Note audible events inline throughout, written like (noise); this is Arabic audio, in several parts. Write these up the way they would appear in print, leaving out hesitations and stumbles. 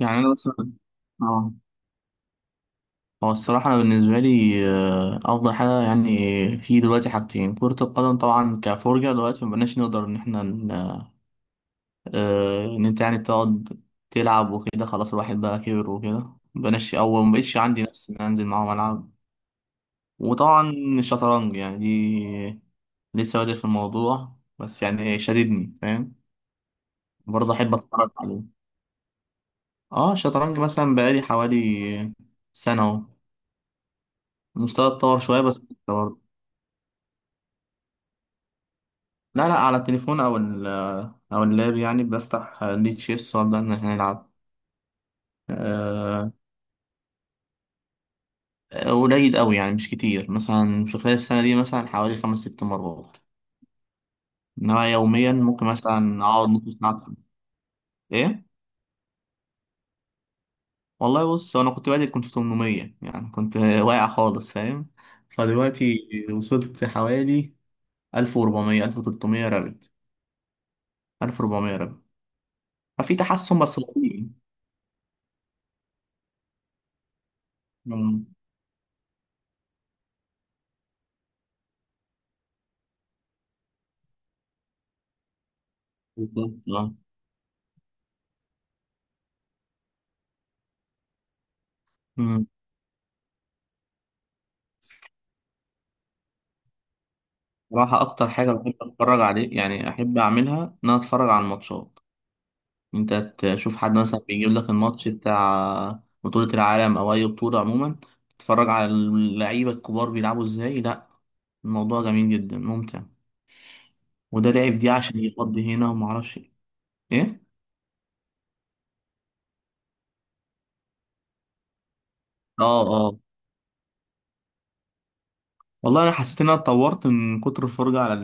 يعني أنا مثلا اه هو الصراحة أنا بالنسبة لي، أفضل حاجة يعني في دلوقتي حاجتين: كرة القدم طبعا كفرجة. دلوقتي مبقناش نقدر إن إحنا إن أنت يعني تقعد تلعب وكده، خلاص الواحد بقى كبر وكده، مبقناش أو مبقتش عندي نفس إن أنا أنزل معاهم ألعب. وطبعا الشطرنج يعني دي لسه بادئ في الموضوع، بس يعني شددني، فاهم؟ برضه أحب أتفرج عليه. اه الشطرنج مثلا بقالي حوالي سنة أهو، المستوى اتطور شوية بس. لا لا، على التليفون او اللاب، يعني بفتح ليه تشيس وابدا ان احنا نلعب. آه، قليل قوي يعني، مش كتير، مثلا في خلال السنه دي مثلا حوالي خمس ست مرات. انما يوميا ممكن مثلا اقعد نص ساعه ألعب. ايه. والله بص، هو انا كنت بادئ كنت 800، يعني كنت (laughs) واقع خالص، فاهم؟ فدلوقتي وصلت حوالي 1400، 1300 رابط، 1400 رابط. ففي تحسن بس بطيء. مم. بالظبط. آه. صراحة أكتر حاجة بحب أتفرج عليه، يعني أحب أعملها إن أنا أتفرج على الماتشات. أنت تشوف حد مثلا بيجيب لك الماتش بتاع بطولة العالم أو أي بطولة عموما، تتفرج على اللعيبة الكبار بيلعبوا إزاي، لأ الموضوع جميل جدا ممتع. وده لعب دي عشان يقضي هنا ومعرفش إيه. إيه؟ آه آه. والله أنا حسيت إن أنا اتطورت من كتر الفرجة على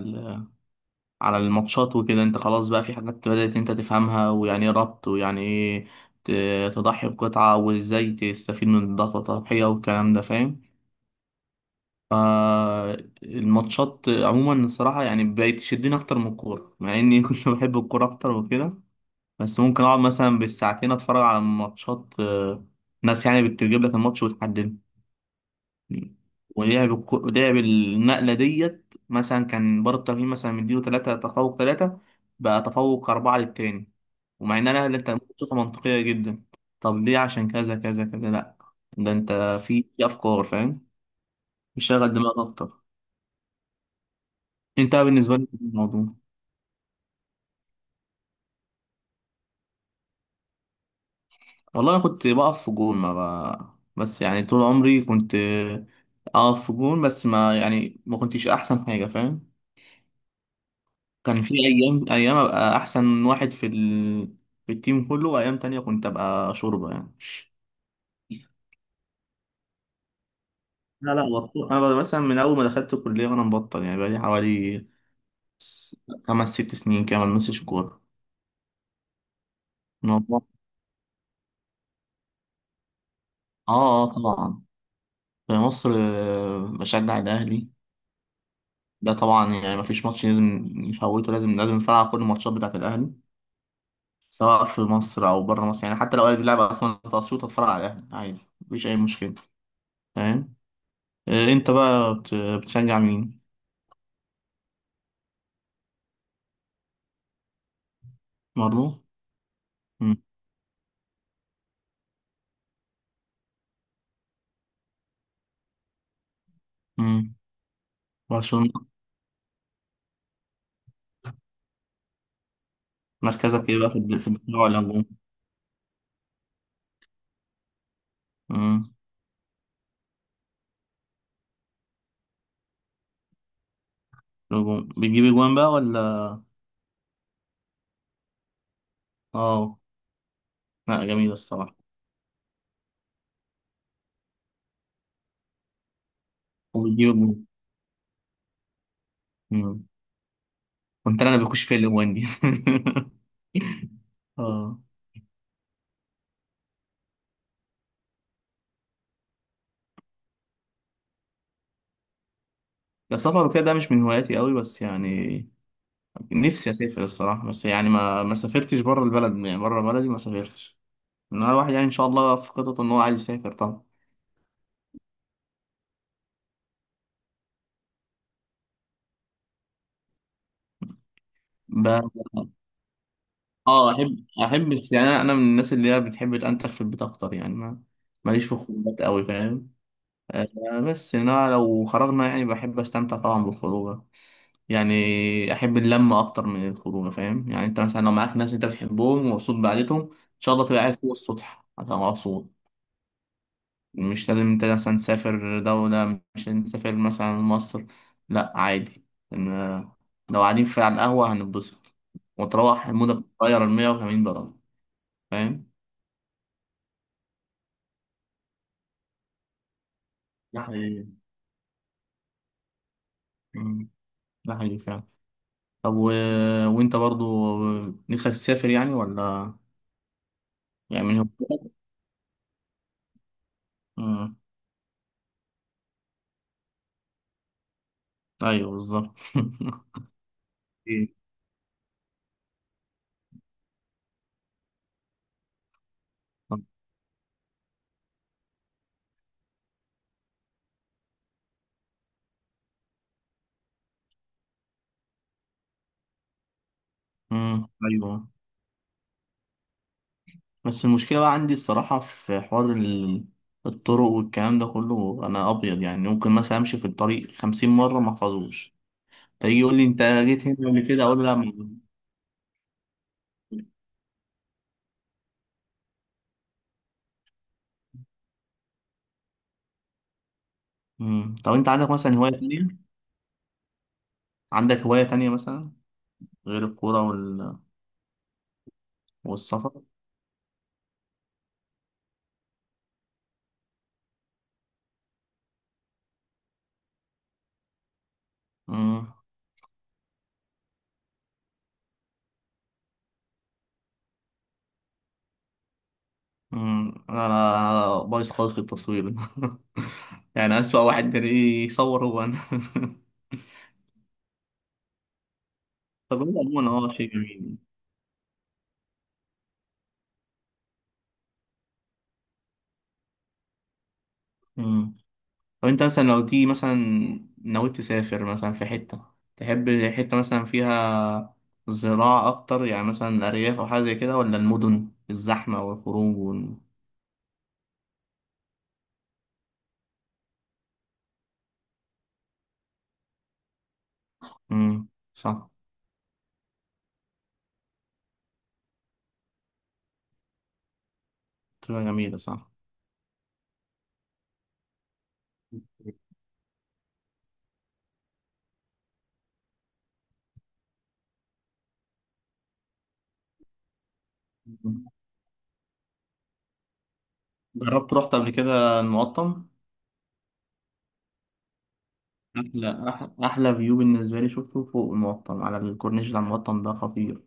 على الماتشات وكده، انت خلاص بقى في حاجات بدأت انت تفهمها، ويعني ايه ربط ويعني ايه تضحي بقطعة، وازاي تستفيد من الضغط، التضحية والكلام ده، فاهم؟ فالماتشات عموما الصراحة يعني بقت تشدني أكتر من الكورة، مع إني (laughs) كنت بحب الكورة أكتر وكده. بس ممكن أقعد مثلا بالساعتين أتفرج على ماتشات. ناس يعني بتجيب لك الماتش وتحدده، لعب النقلة ديت مثلا، كان بار التقييم مثلا مديله تلاتة تفوق تلاتة، بقى تفوق أربعة للتاني. ومع إن أنا اللي أنت ممكن تشوفها منطقية جدا، طب ليه؟ عشان كذا كذا كذا، لأ ده أنت في أفكار، فاهم؟ بيشغل دماغك أكتر. أنت بالنسبة لي الموضوع. والله أنا كنت بقف في جون ما بقى. بس يعني طول عمري كنت أقف في جون، بس ما يعني ما كنتش أحسن حاجة، فاهم؟ كان في ايام ايام ابقى احسن واحد في ال، في التيم كله، وايام تانية كنت ابقى شوربة يعني. لا لا، بطل، انا مثلا من اول ما دخلت الكلية وانا مبطل، يعني بقالي حوالي س- خمس ست سنين كده ما بلمسش كورة. الموضوع- اه، طبعا. في مصر بشجع الاهلي. ده طبعا، يعني ما فيش ماتش لازم نفوته، لازم لازم اتفرج على كل الماتشات بتاعت الاهلي، سواء في مصر او بره مصر. يعني حتى لو الاهلي بيلعب اصلا تقسيط، اتفرج على الاهلي عادي، مفيش اي مشكلة، فاهم؟ انت بقى بتشجع مين؟ برضه. مم. مم. برشلونة. مركزك ايه بقى في الدفاع ولا الهجوم؟ مم. الهجوم. بتجيب اجوان بقى ولا؟ اه لا، جميلة الصراحة. وبتجيب اجوان. مم. كنت انا اللي بخش في الاجوان دي (laughs) اه. ده السفر وكده ده مش من هواياتي قوي، بس يعني نفسي اسافر الصراحة، بس يعني ما سافرتش بره البلد، يعني بره بلدي ما سافرتش. ان انا واحد يعني ان شاء الله في خطط ان هو عايز يسافر طبعا. ب... اه احب يعني انا من الناس اللي هي بتحب تنتخ في البيت اكتر، يعني ما ماليش في الخروجات قوي، فاهم؟ بس يعني انا لو خرجنا يعني بحب استمتع طبعا بالخروجه، يعني احب اللمه اكتر من الخروجه، فاهم؟ يعني انت مثلا لو معاك ناس انت بتحبهم ومبسوط بعدتهم ان شاء الله، تبقى قاعد فوق السطح هتبقى مبسوط. مش لازم انت مثلا تسافر دوله، مش لازم تسافر مثلا مصر. لا عادي، إن- لو قاعدين في على القهوه هنتبسط، وتروح مودك تغير ال 180 درجه، فاهم؟ ده حقيقي. مم. ده حقيقي فعلا. طب وانت برضو نفسك تسافر يعني ولا؟ يعني من هواياتك؟ مم. ايوه بالظبط. (laughs) إيه. مم. ايوه. بس المشكله بقى عندي الصراحه في حوار الطرق والكلام ده كله، انا ابيض، يعني ممكن مثلا امشي في الطريق 50 مره ما احفظوش، فيجي يقول لي انت جيت هنا قبل كده، اقول له لا مم. طب انت عندك مثلا هوايه تانية؟ عندك هوايه تانية مثلا غير الكوره والسفر؟ انا بايظ خالص في التصوير. (laughs) يعني اسوأ واحد تلاقيه يصور هو انا. (laughs) طب هو عموما شيء جميل. مم. طب انت مثلا لو تيجي مثلا ناوي تسافر مثلا في حتة، تحب حتة مثلا فيها زراعة أكتر، يعني مثلا أرياف أو حاجة زي كده، ولا المدن الزحمة والخروج مم، صح. تبقى جميلة صح. مم. جربت رحت قبل كده المقطم؟ أحلى فيو بالنسبة لي شفته فوق المقطم على الكورنيش بتاع المقطم، ده خطير.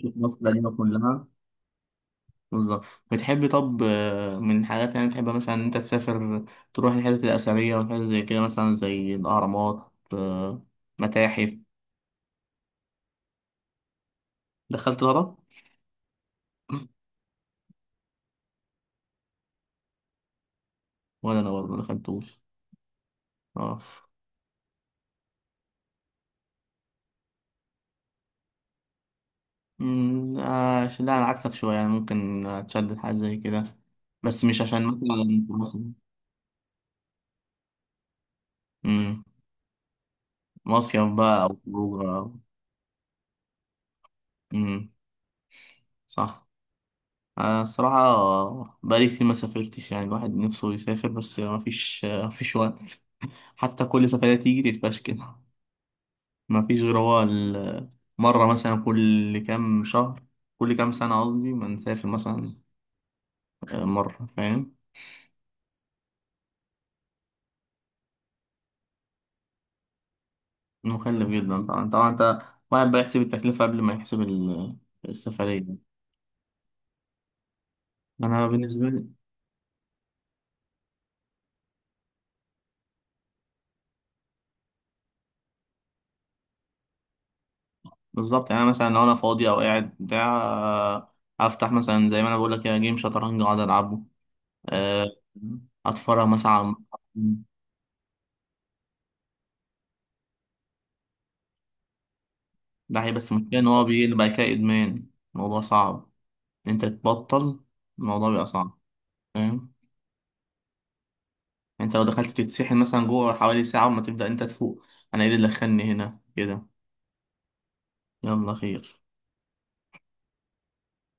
شوف مصر القديمة كلها، بالظبط. بتحب طب من الحاجات يعني بتحب مثلا إن أنت تسافر، تروح الحتت الأثرية والحاجات زي كده، مثلا زي الأهرامات، متاحف؟ دخلت الهرم؟ ولا أنا برضه مدخلتوش. أه. أمم، آه، عشان لا أنا عكسك شوية، يعني ممكن أتشدد حاجة زي كده، بس مش عشان مثلا في مصر. أمم، مصيف بقى أو خروج أمم، صح. انا الصراحه بقالي كتير ما سافرتش، يعني الواحد نفسه يسافر، بس ما فيش وقت، حتى كل سفرية تيجي تتفشكل. ما فيش غير هو مرة مثلا كل كام شهر، كل كام سنة قصدي، ما نسافر مثلا مرة، فاهم؟ مكلف جدا طبعا طبعا. انت واحد بقى يحسب التكلفة قبل ما يحسب السفرية. انا بالنسبة لي بالظبط، يعني أنا مثلا لو انا فاضي او قاعد بتاع، افتح مثلا زي ما انا بقول لك كده جيم شطرنج اقعد العبه. آه، اتفرج مثلا على المصحف. ده هي بس المشكله ان هو بيجي بعد كده ادمان، الموضوع صعب إن انت تبطل، الموضوع بيبقى صعب، فاهم؟ انت لو دخلت تتسحل مثلا جوه حوالي ساعه وما تبدا انت تفوق، انا ايه اللي دخلني هنا كده. يلا خير.